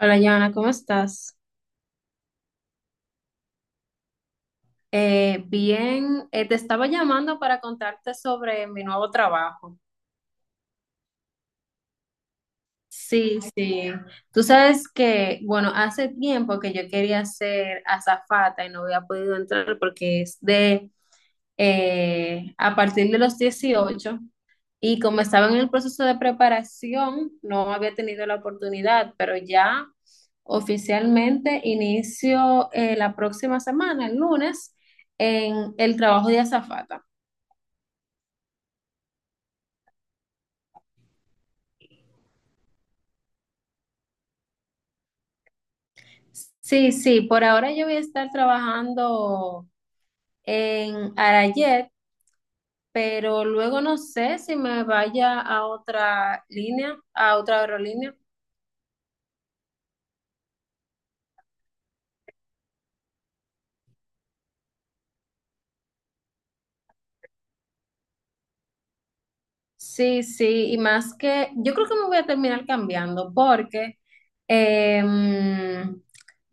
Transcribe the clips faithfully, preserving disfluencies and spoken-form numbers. Hola, Joana, ¿cómo estás? Eh, bien, eh, te estaba llamando para contarte sobre mi nuevo trabajo. Sí, sí. Tú sabes que, bueno, hace tiempo que yo quería ser azafata y no había podido entrar porque es de, eh, a partir de los dieciocho. Y como estaba en el proceso de preparación, no había tenido la oportunidad, pero ya oficialmente inicio eh, la próxima semana, el lunes, en el trabajo de azafata. Sí, sí, por ahora yo voy a estar trabajando en Arayet, pero luego no sé si me vaya a otra línea, a otra aerolínea. Sí, sí, y más que yo creo que me voy a terminar cambiando porque em,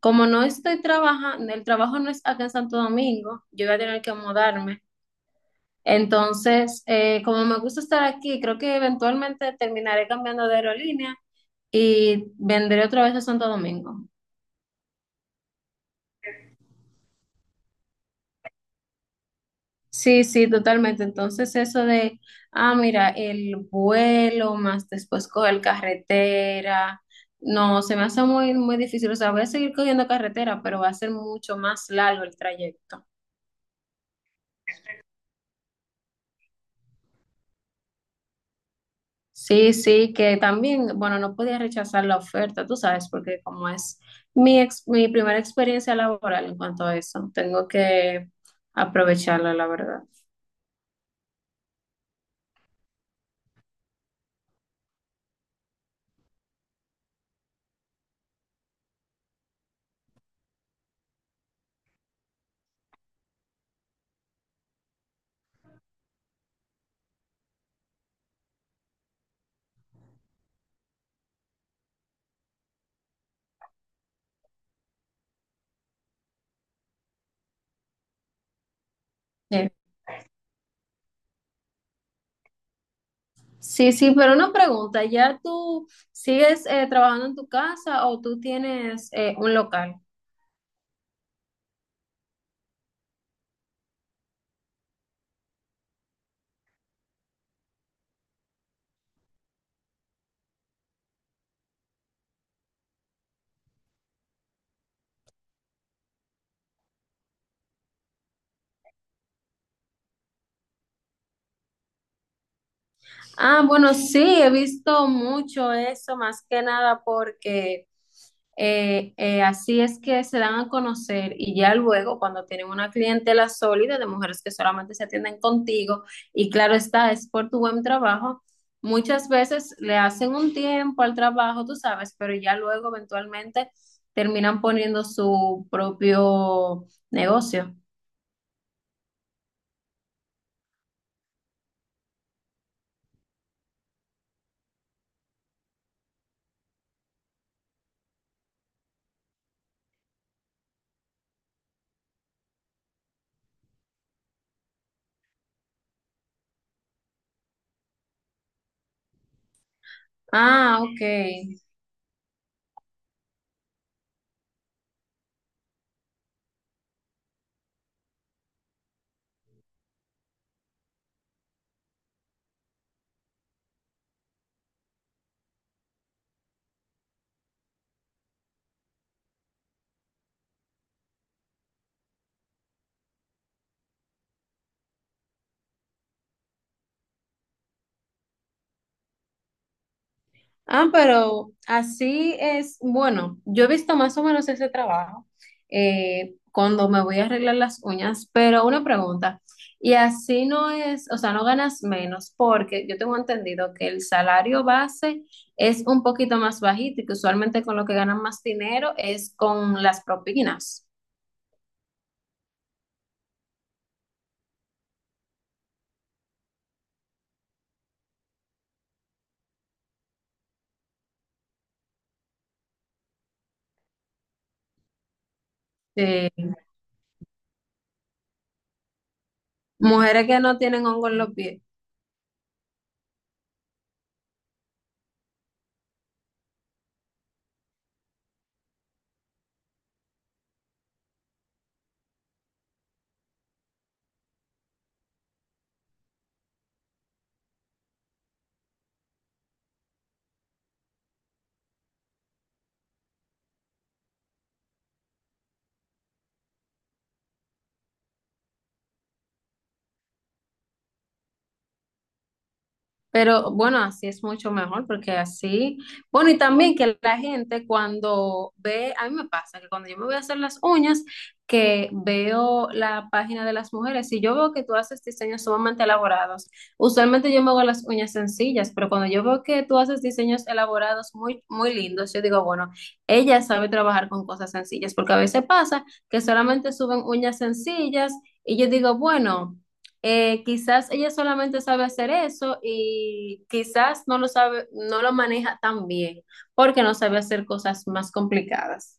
como no estoy trabajando, el trabajo no es acá en Santo Domingo, yo voy a tener que mudarme. Entonces, eh, como me gusta estar aquí, creo que eventualmente terminaré cambiando de aerolínea y vendré otra vez a Santo Domingo. Sí, sí, totalmente. Entonces, eso de, ah, mira, el vuelo más después coger carretera, no, se me hace muy, muy difícil. O sea, voy a seguir cogiendo carretera, pero va a ser mucho más largo el trayecto. Sí, sí, que también, bueno, no podía rechazar la oferta, tú sabes, porque como es mi, ex- mi primera experiencia laboral en cuanto a eso, tengo que aprovecharla, la verdad. Sí, sí, sí, pero una pregunta, ¿ya tú sigues eh, trabajando en tu casa o tú tienes eh, un local? Ah, bueno, sí, he visto mucho eso, más que nada porque eh, eh, así es que se dan a conocer y ya luego cuando tienen una clientela sólida de mujeres que solamente se atienden contigo y claro está, es por tu buen trabajo, muchas veces le hacen un tiempo al trabajo, tú sabes, pero ya luego eventualmente terminan poniendo su propio negocio. Ah, ok. Ah, pero así es, bueno, yo he visto más o menos ese trabajo eh, cuando me voy a arreglar las uñas, pero una pregunta, y así no es, o sea, no ganas menos porque yo tengo entendido que el salario base es un poquito más bajito y que usualmente con lo que ganan más dinero es con las propinas. Eh, mujeres que no tienen hongo en los pies. Pero bueno, así es mucho mejor porque así, bueno, y también que la gente cuando ve, a mí me pasa que cuando yo me voy a hacer las uñas, que veo la página de las mujeres y yo veo que tú haces diseños sumamente elaborados. Usualmente yo me hago las uñas sencillas, pero cuando yo veo que tú haces diseños elaborados muy, muy lindos, yo digo, bueno, ella sabe trabajar con cosas sencillas, porque a veces pasa que solamente suben uñas sencillas y yo digo, bueno. Eh, quizás ella solamente sabe hacer eso y quizás no lo sabe, no lo maneja tan bien porque no sabe hacer cosas más complicadas.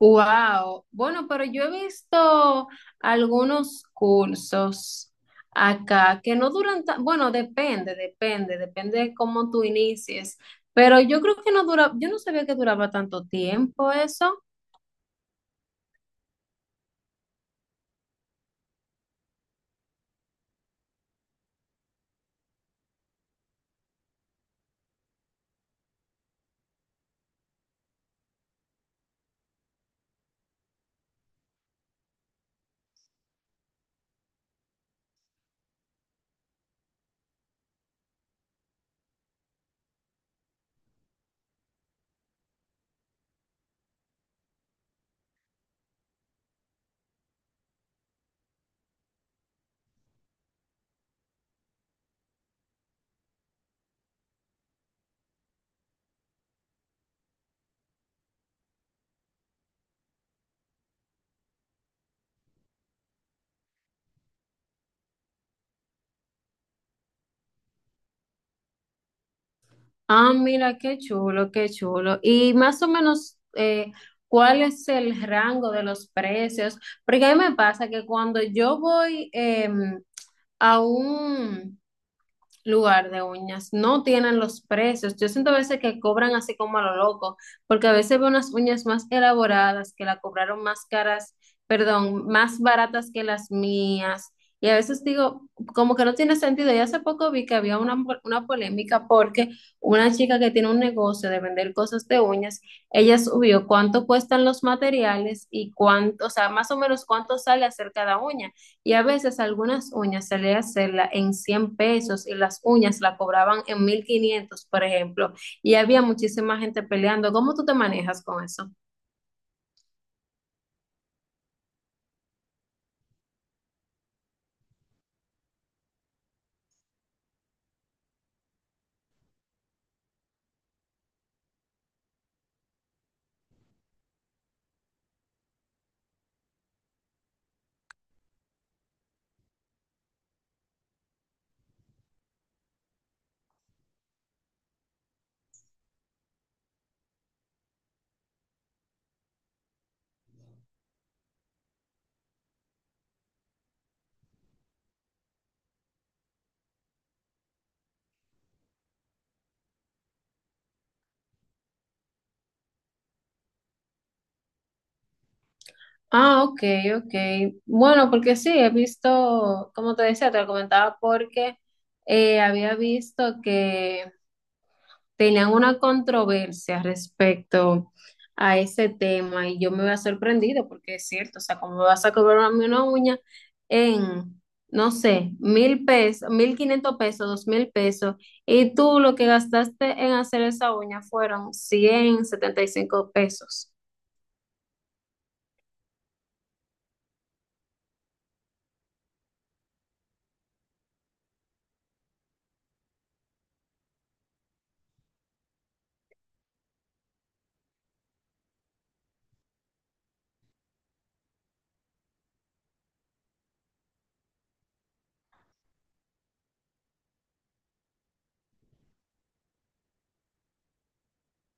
Wow. Bueno, pero yo he visto algunos cursos acá que no duran tan, bueno, depende, depende, depende de cómo tú inicies, pero yo creo que no dura, yo no sabía que duraba tanto tiempo eso. Ah, mira, qué chulo, qué chulo. Y más o menos, eh, ¿cuál es el rango de los precios? Porque a mí me pasa que cuando yo voy em, a un lugar de uñas, no tienen los precios. Yo siento a veces que cobran así como a lo loco, porque a veces veo unas uñas más elaboradas que la cobraron más caras, perdón, más baratas que las mías. Y a veces digo, como que no tiene sentido. Y hace poco vi que había una, una polémica porque una chica que tiene un negocio de vender cosas de uñas, ella subió cuánto cuestan los materiales y cuánto, o sea, más o menos cuánto sale hacer cada uña. Y a veces algunas uñas se le hacerla en cien pesos y las uñas la cobraban en mil quinientos, por ejemplo. Y había muchísima gente peleando. ¿Cómo tú te manejas con eso? Ah, ok, ok. Bueno, porque sí, he visto, como te decía, te lo comentaba porque eh, había visto que tenían una controversia respecto a ese tema y yo me había sorprendido porque es cierto, o sea, como me vas a cobrar a mí una uña en, no sé, mil pesos, mil quinientos pesos, dos mil pesos, y tú lo que gastaste en hacer esa uña fueron cien setenta y cinco pesos.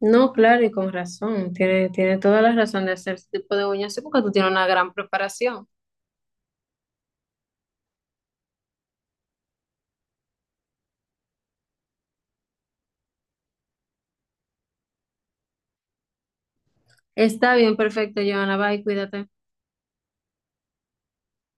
No, claro, y con razón, tiene, tiene, toda la razón de hacer ese tipo de uñas, sí, porque tú tienes una gran preparación. Está bien, perfecto, Joana, bye, cuídate.